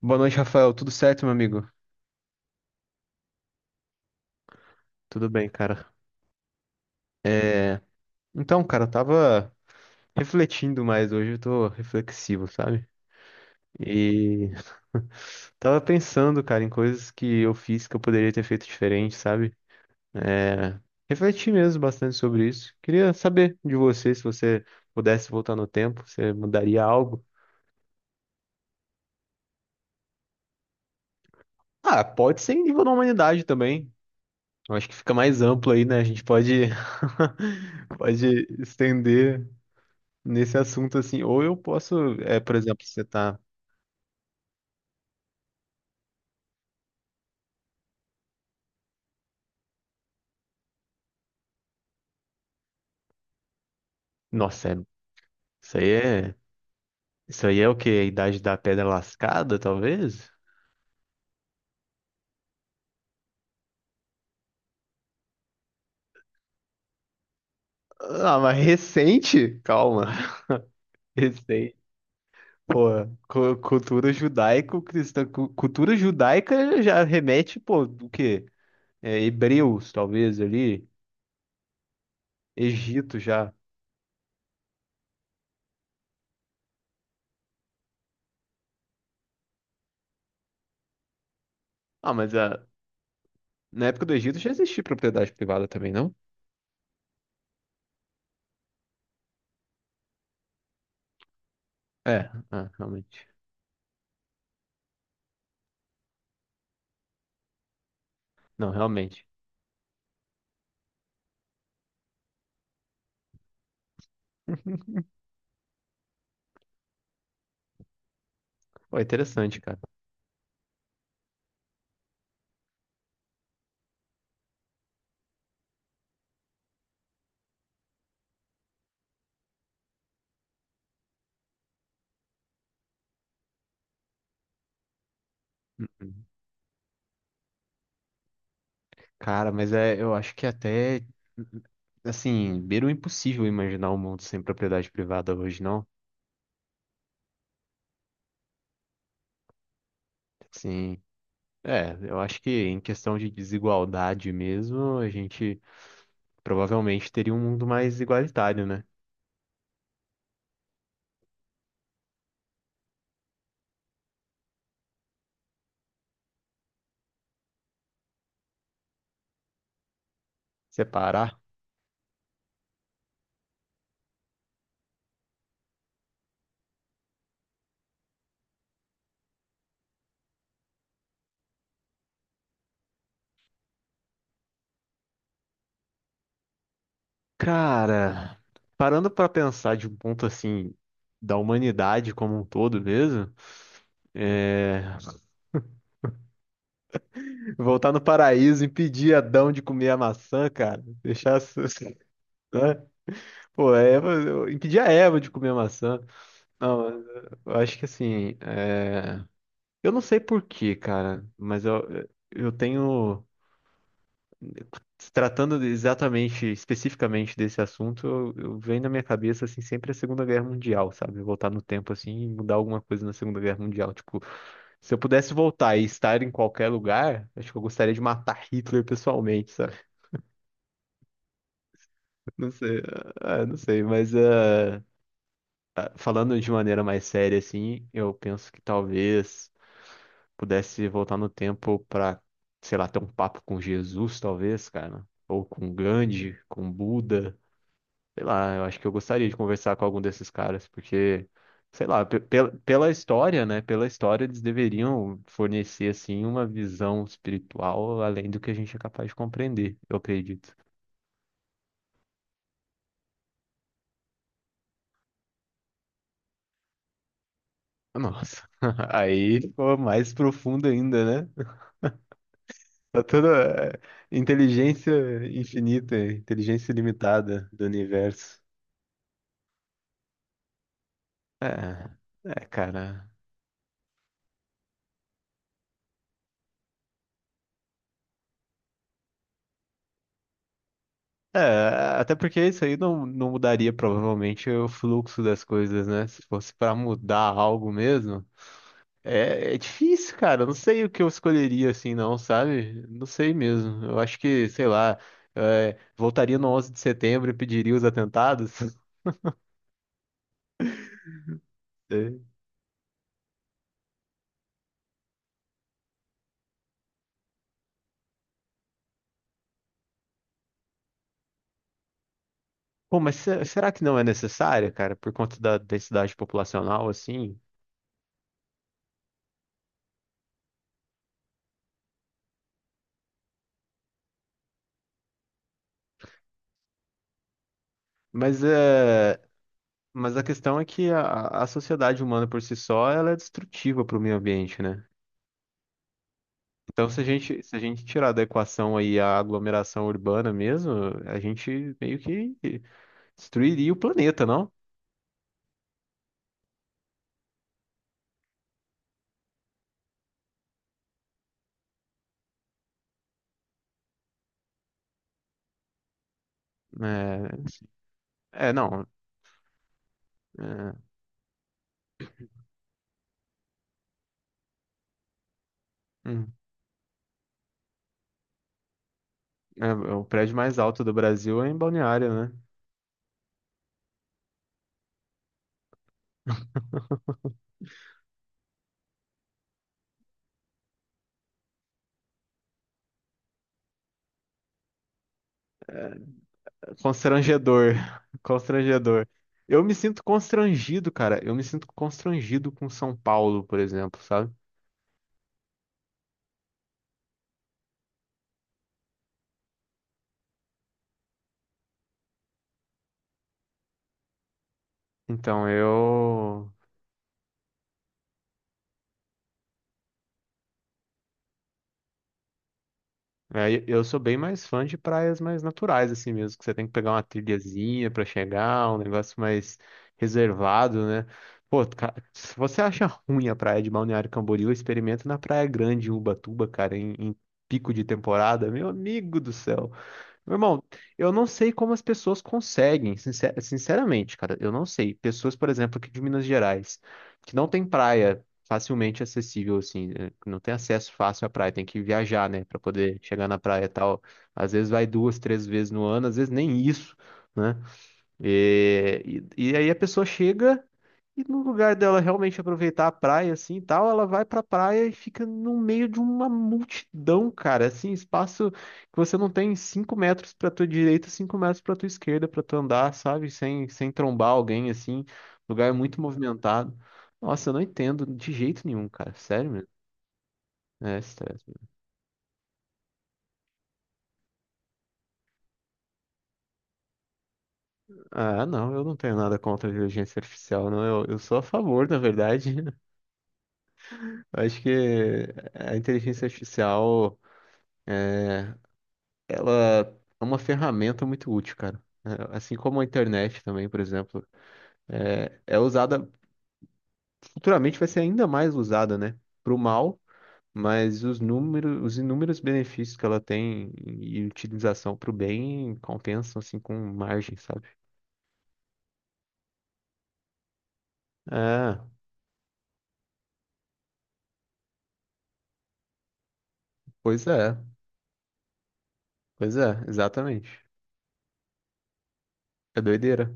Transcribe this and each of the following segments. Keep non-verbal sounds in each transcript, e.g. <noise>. Boa noite, Rafael. Tudo certo, meu amigo? Tudo bem, cara. É... Então, cara, eu tava refletindo mais hoje, eu tô reflexivo, sabe? E <laughs> tava pensando, cara, em coisas que eu fiz que eu poderia ter feito diferente, sabe? É... Refleti mesmo bastante sobre isso. Queria saber de você, se você pudesse voltar no tempo, você mudaria algo? Ah, pode ser em nível da humanidade também. Eu acho que fica mais amplo aí, né? A gente pode, <laughs> pode estender. Nesse assunto assim, ou eu posso, por exemplo, você tá, nossa, isso aí é, isso aí é o quê? A idade da pedra lascada, talvez? Ah, mas recente? Calma. <laughs> Recente. Pô, cultura judaico-cristã, cultura judaica já remete, pô, do quê? É, hebreus, talvez ali, Egito já. Ah, na época do Egito já existia propriedade privada também, não? É, ah, realmente. Não, realmente. <laughs> Pô, interessante, cara. Hum, hum. Cara, eu acho que até, assim, beira o impossível imaginar um mundo sem propriedade privada hoje, não? Sim. É, eu acho que em questão de desigualdade mesmo, a gente provavelmente teria um mundo mais igualitário, né? Separar. Cara, parando pra pensar de um ponto assim, da humanidade como um todo mesmo, é, <laughs> voltar no paraíso, impedir Adão de comer a maçã, cara, deixar. <laughs> Né? Pô, a Eva, eu impedia a Eva de comer maçã. Não, eu acho que assim, é, eu não sei por quê, cara, eu tenho, se tratando de- exatamente, especificamente desse assunto, eu venho na minha cabeça, assim, sempre a Segunda Guerra Mundial, sabe? Voltar no tempo, assim, e mudar alguma coisa na Segunda Guerra Mundial. Tipo, se eu pudesse voltar e estar em qualquer lugar, acho que eu gostaria de matar Hitler pessoalmente, sabe? Não sei, ah, não sei, mas... é, ah, falando de maneira mais séria, assim, eu penso que talvez pudesse voltar no tempo pra, sei lá, ter um papo com Jesus, talvez, cara. Ou com Gandhi, com Buda. Sei lá, eu acho que eu gostaria de conversar com algum desses caras, porque, sei lá, pela história, né? Pela história, eles deveriam fornecer, assim, uma visão espiritual além do que a gente é capaz de compreender, eu acredito. Nossa, <laughs> aí ficou mais profundo ainda, né? Tá toda é, inteligência infinita, inteligência ilimitada do universo. É, cara. É, até porque isso aí não mudaria provavelmente o fluxo das coisas, né? Se fosse pra mudar algo mesmo, é difícil, cara. Eu não sei o que eu escolheria assim, não, sabe? Não sei mesmo. Eu acho que, sei lá, é, voltaria no 11 de setembro e pediria os atentados. <laughs> Sei. Pô, será que não é necessário, cara, por conta da densidade populacional, assim? Mas é, mas a questão é que a sociedade humana por si só, ela é destrutiva para o meio ambiente, né? Então, se a gente tirar da equação aí a aglomeração urbana mesmo, a gente meio que destruiria o planeta, não? É, não. É, hum, é o prédio mais alto do Brasil é em Balneário, né? Constrangedor, <laughs> constrangedor. Eu me sinto constrangido, cara. Eu me sinto constrangido com São Paulo, por exemplo, sabe? Então eu É, eu sou bem mais fã de praias mais naturais, assim mesmo, que você tem que pegar uma trilhazinha pra chegar, um negócio mais reservado, né? Pô, cara, se você acha ruim a praia de Balneário Camboriú, experimenta na Praia Grande, em Ubatuba, cara, em pico de temporada, meu amigo do céu. Meu irmão, eu não sei como as pessoas conseguem, sinceramente, cara, eu não sei. Pessoas, por exemplo, aqui de Minas Gerais, que não tem praia facilmente acessível, assim, eh, que não tem acesso fácil à praia, tem que viajar, né, pra poder chegar na praia e tal. Às vezes vai duas, três vezes no ano, às vezes nem isso, né? E aí a pessoa chega. E no lugar dela realmente aproveitar a praia assim e tal, ela vai pra praia e fica no meio de uma multidão, cara. Assim, espaço que você não tem 5 metros pra tua direita, 5 metros pra tua esquerda pra tu andar, sabe? Sem trombar alguém, assim. Lugar muito movimentado. Nossa, eu não entendo de jeito nenhum, cara. Sério mesmo. É estresse. Ah, não, eu não tenho nada contra a inteligência artificial, não. Eu sou a favor, na verdade. <laughs> Eu acho que a inteligência artificial. Ela é uma ferramenta muito útil, cara. É, assim como a internet também, por exemplo, é usada, futuramente vai ser ainda mais usada, né? Para o mal, mas os números, os inúmeros benefícios que ela tem e utilização para o bem compensam, assim, com margem, sabe? É, pois é, pois é, exatamente. É doideira.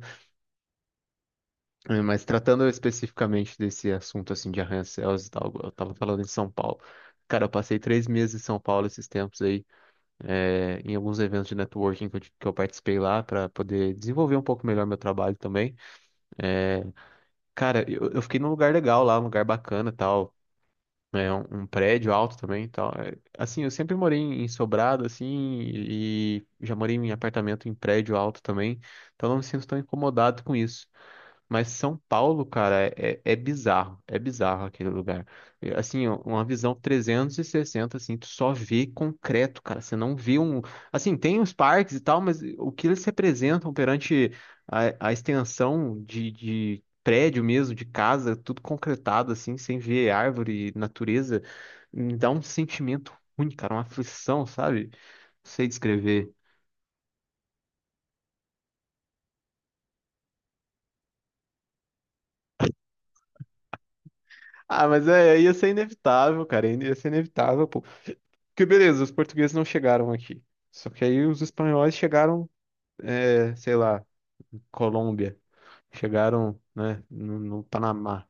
É, mas tratando especificamente desse assunto, assim, de arranha-céus e tal, eu tava falando em São Paulo. Cara, eu passei três meses em São Paulo esses tempos aí. É, em alguns eventos de networking que eu participei lá para poder desenvolver um pouco melhor meu trabalho também. Cara, eu fiquei num lugar legal lá, um lugar bacana e tal. É um prédio alto também, e tal. É, assim, eu sempre morei em em sobrado, assim, e já morei em apartamento em prédio alto também, então não me sinto tão incomodado com isso. Mas São Paulo, cara, é bizarro. É bizarro aquele lugar. É, assim, ó, uma visão 360, assim, tu só vê concreto, cara. Você não vê um. Assim, tem os parques e tal, mas o que eles representam perante a extensão de prédio mesmo, de casa, tudo concretado, assim, sem ver árvore, natureza, me dá um sentimento ruim, cara, uma aflição, sabe? Não sei descrever. Ah, mas é, ia ser inevitável, cara. Ia ser inevitável, porque beleza, os portugueses não chegaram aqui. Só que aí os espanhóis chegaram, é, sei lá, Colômbia. Chegaram, né, no Panamá.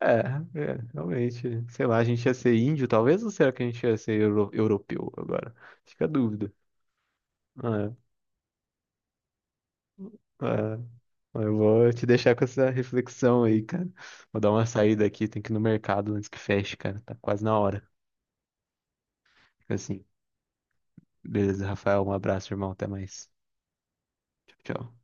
É, é, realmente. Sei lá, a gente ia ser índio, talvez, ou será que a gente ia ser europeu agora? Fica a dúvida. É, é. Mas eu vou te deixar com essa reflexão aí, cara. Vou dar uma saída aqui, tem que ir no mercado antes que feche, cara. Tá quase na hora. Fica assim. Beleza, Rafael, um abraço, irmão. Até mais. Tchau, tchau.